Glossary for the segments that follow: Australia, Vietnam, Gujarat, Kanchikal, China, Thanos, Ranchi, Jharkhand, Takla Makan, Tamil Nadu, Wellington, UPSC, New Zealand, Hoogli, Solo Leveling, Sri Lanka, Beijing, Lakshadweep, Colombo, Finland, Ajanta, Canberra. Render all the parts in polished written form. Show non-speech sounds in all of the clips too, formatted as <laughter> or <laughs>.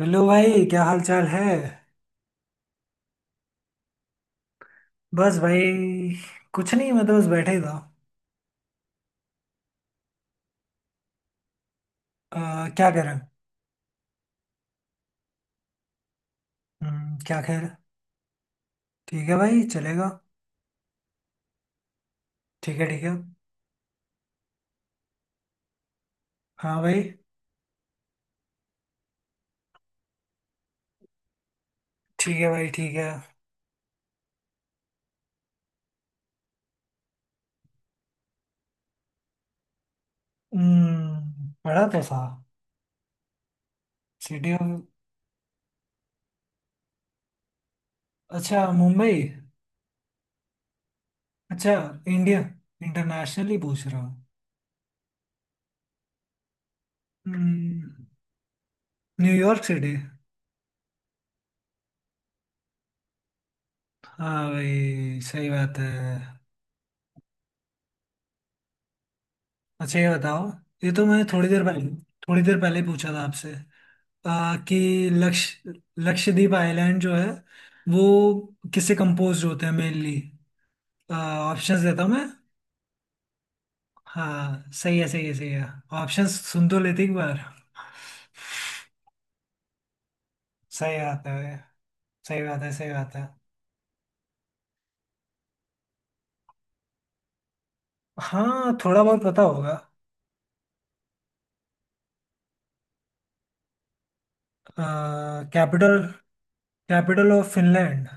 Hello भाई, क्या हाल चाल है। बस भाई, कुछ नहीं, मैं तो बस बैठे ही था। अ, क्या करें। क्या खैर। ठीक है भाई, चलेगा। ठीक है, ठीक है। हाँ भाई। ठीक है भाई, ठीक है। पढ़ा तो था। सिटी ऑफ, अच्छा मुंबई। अच्छा। इंडिया, इंटरनेशनल ही पूछ रहा हूँ। हम्म, न्यूयॉर्क सिटी। हाँ भाई, सही बात है। अच्छा ये बताओ, ये तो मैं थोड़ी देर पहले ही पूछा था आपसे। आ, कि लक्ष लक्षद्वीप आइलैंड जो है वो किससे कंपोज होते हैं मेनली। ऑप्शंस देता हूँ मैं। हाँ सही है, सही है, सही है। ऑप्शंस सुन तो लेते एक बार। सही आता है। सही बात है, सही बात है। हाँ थोड़ा बहुत पता होगा। Capital capital of Finland.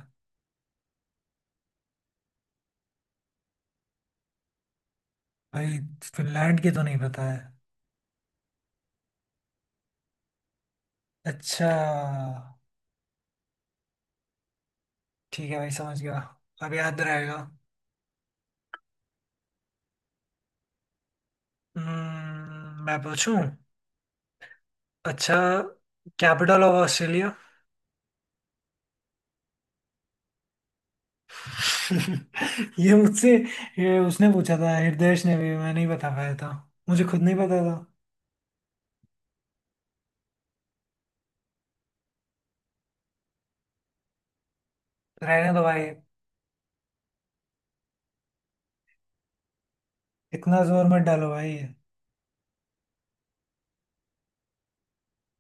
भाई फिनलैंड की तो नहीं पता है। अच्छा। ठीक है भाई, समझ गया। अब याद रहेगा। मैं पूछूं। अच्छा, कैपिटल ऑफ ऑस्ट्रेलिया। <laughs> ये मुझसे, ये उसने पूछा था, हृदयेश ने भी, मैं नहीं बता पाया था। मुझे खुद नहीं पता था। रहने दो भाई। इतना जोर मत डालो भाई।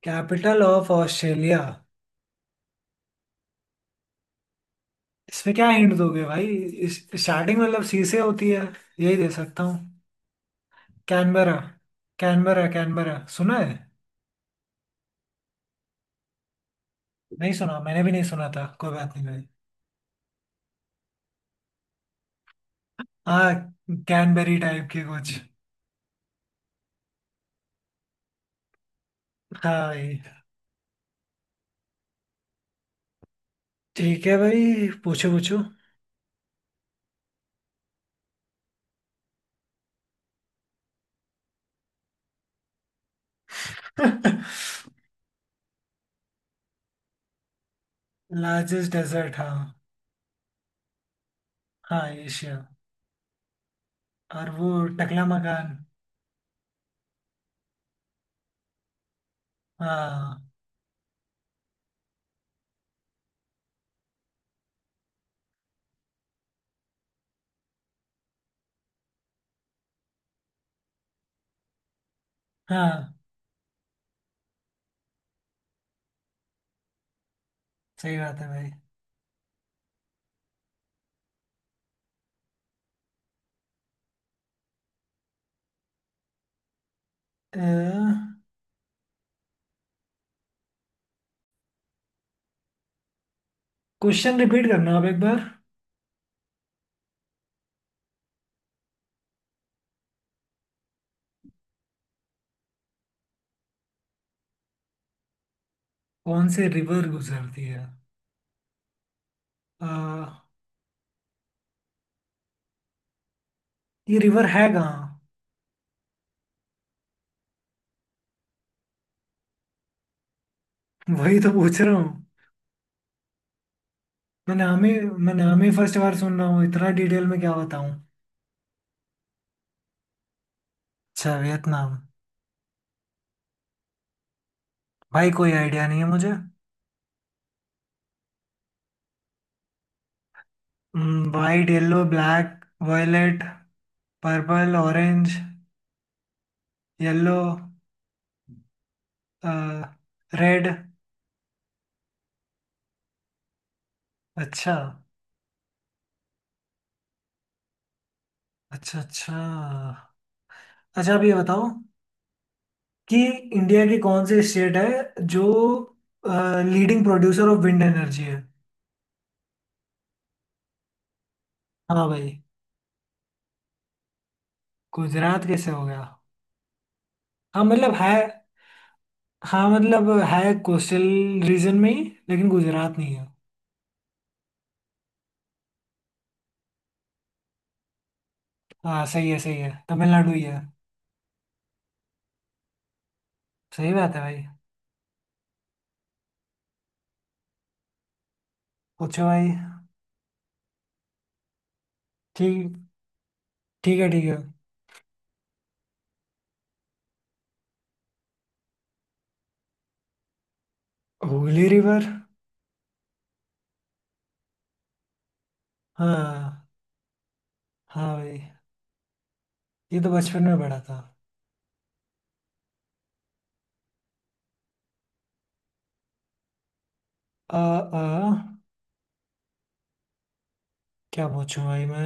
Capital of Australia. इसमें क्या हिंट दोगे भाई। इस स्टार्टिंग मतलब सी से होती है। यही दे सकता हूँ। कैनबरा। कैनबरा, कैनबरा सुना है। नहीं सुना, मैंने भी नहीं सुना था, कोई बात नहीं भाई। हाँ। कैनबेरी टाइप के कुछ। हाँ भाई। ठीक है भाई, पूछो पूछो। <laughs> लार्जेस्ट डेजर्ट, हाँ। हाँ एशिया। और वो टकला मकान। हाँ। हाँ सही बात है भाई। क्वेश्चन रिपीट करना आप एक बार। कौन से रिवर गुजरती है? अ, ये रिवर है कहाँ? वही तो पूछ रहा हूँ। मैं नाम ही मैं नाम ही फर्स्ट बार सुन रहा हूँ, इतना डिटेल में क्या बताऊँ। अच्छा, वियतनाम। भाई कोई आइडिया नहीं है मुझे। White, yellow, black, violet, purple, orange. Yellow, red. अच्छा। अच्छा, अच्छा। अच्छा आप ये बताओ कि इंडिया की कौन सी स्टेट है जो leading producer of wind energy है। हाँ भाई। गुजरात कैसे हो गया? हाँ मतलब है हाँ मतलब है कोस्टल रीजन में ही, लेकिन गुजरात नहीं है। हाँ सही है, सही है, तमिलनाडु ही है। सही बात है भाई। पूछो भाई। ठीक, ठीक है, ठीक है। हुगली रिवर। हाँ। हाँ भाई, ये तो बचपन में पढ़ा था। आ, आ, क्या पूछूं भाई मैं।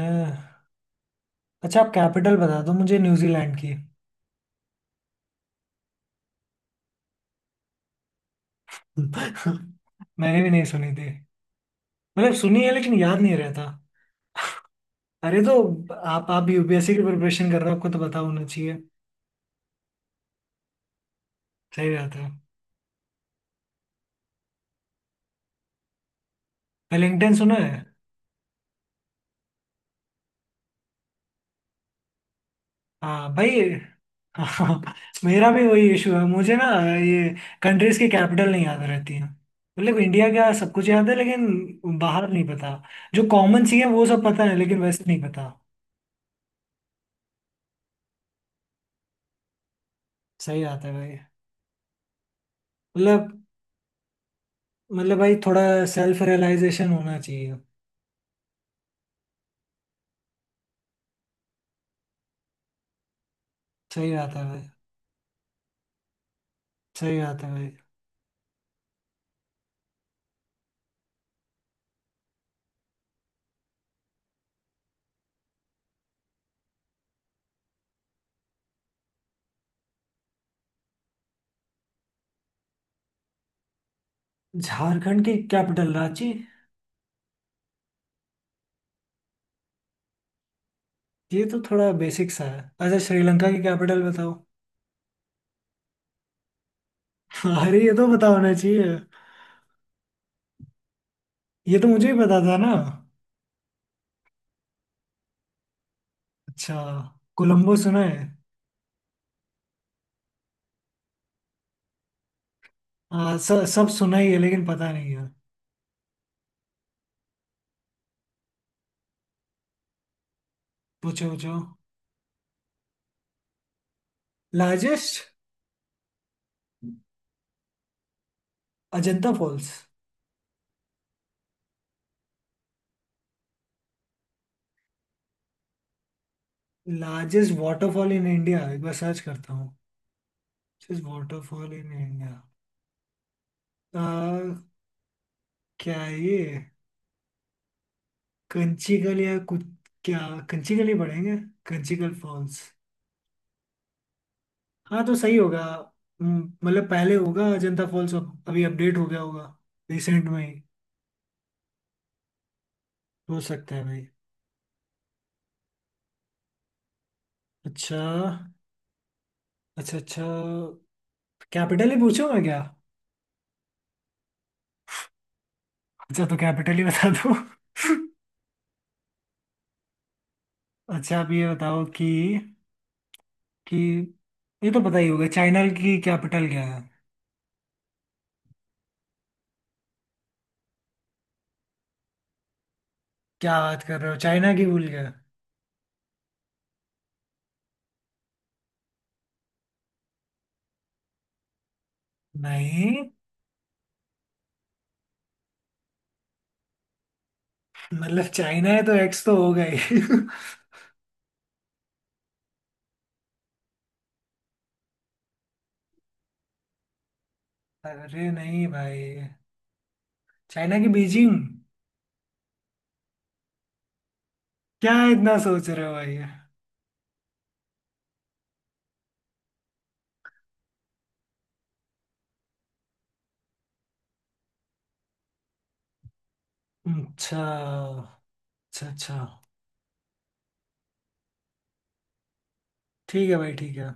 अच्छा आप कैपिटल बता दो मुझे न्यूजीलैंड की। <laughs> मैंने भी नहीं सुनी थी। मतलब सुनी है लेकिन याद नहीं रहता। अरे तो आप यूपीएससी की प्रिपरेशन कर रहे हो, आपको तो पता होना चाहिए। सही बात है। वेलिंगटन सुना है। हाँ भाई। <laughs> हाँ, मेरा भी वही इशू है, मुझे ना ये कंट्रीज की कैपिटल नहीं याद रहती है। मतलब इंडिया का सब कुछ याद है लेकिन बाहर नहीं पता। जो कॉमन सी है वो सब पता है, लेकिन वैसे नहीं पता। सही बात है भाई। मतलब, भाई थोड़ा सेल्फ रियलाइजेशन होना चाहिए। सही बात है भाई। सही बात है भाई। झारखंड की कैपिटल रांची। ये तो थोड़ा बेसिक सा है, अच्छा श्रीलंका की कैपिटल बताओ। <laughs> अरे ये तो पता होना चाहिए। ये तो मुझे ही पता था ना। अच्छा। कोलंबो सुना है। हाँ, सब सुना ही है लेकिन पता नहीं है। पूछो पूछो। Largest, Ajanta falls. Largest waterfall in India एक बार सर्च करता हूँ। Waterfall in India. क्या है ये, कंचीकल या कुछ। क्या? कंचीकल ही पढ़ेंगे। कंचीकल फॉल्स। हाँ तो सही होगा। मतलब पहले होगा अजंता फॉल्स, अब अभी अपडेट हो गया होगा रिसेंट में ही। हो सकता है भाई। अच्छा, अच्छा, अच्छा। कैपिटल ही पूछूं मैं क्या? अच्छा तो कैपिटल ही बता दो। <laughs> अच्छा आप ये बताओ कि ये तो पता ही होगा, चाइना की कैपिटल क्या है? क्या बात कर रहे हो, चाइना की भूल गए? नहीं। मतलब चाइना है तो एक्स तो होगा ही। <laughs> अरे नहीं भाई। चाइना की बीजिंग। क्या इतना सोच रहे हो भाई? अच्छा, अच्छा, अच्छा। ठीक है भाई, ठीक है।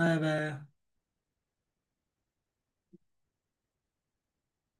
Bye bye.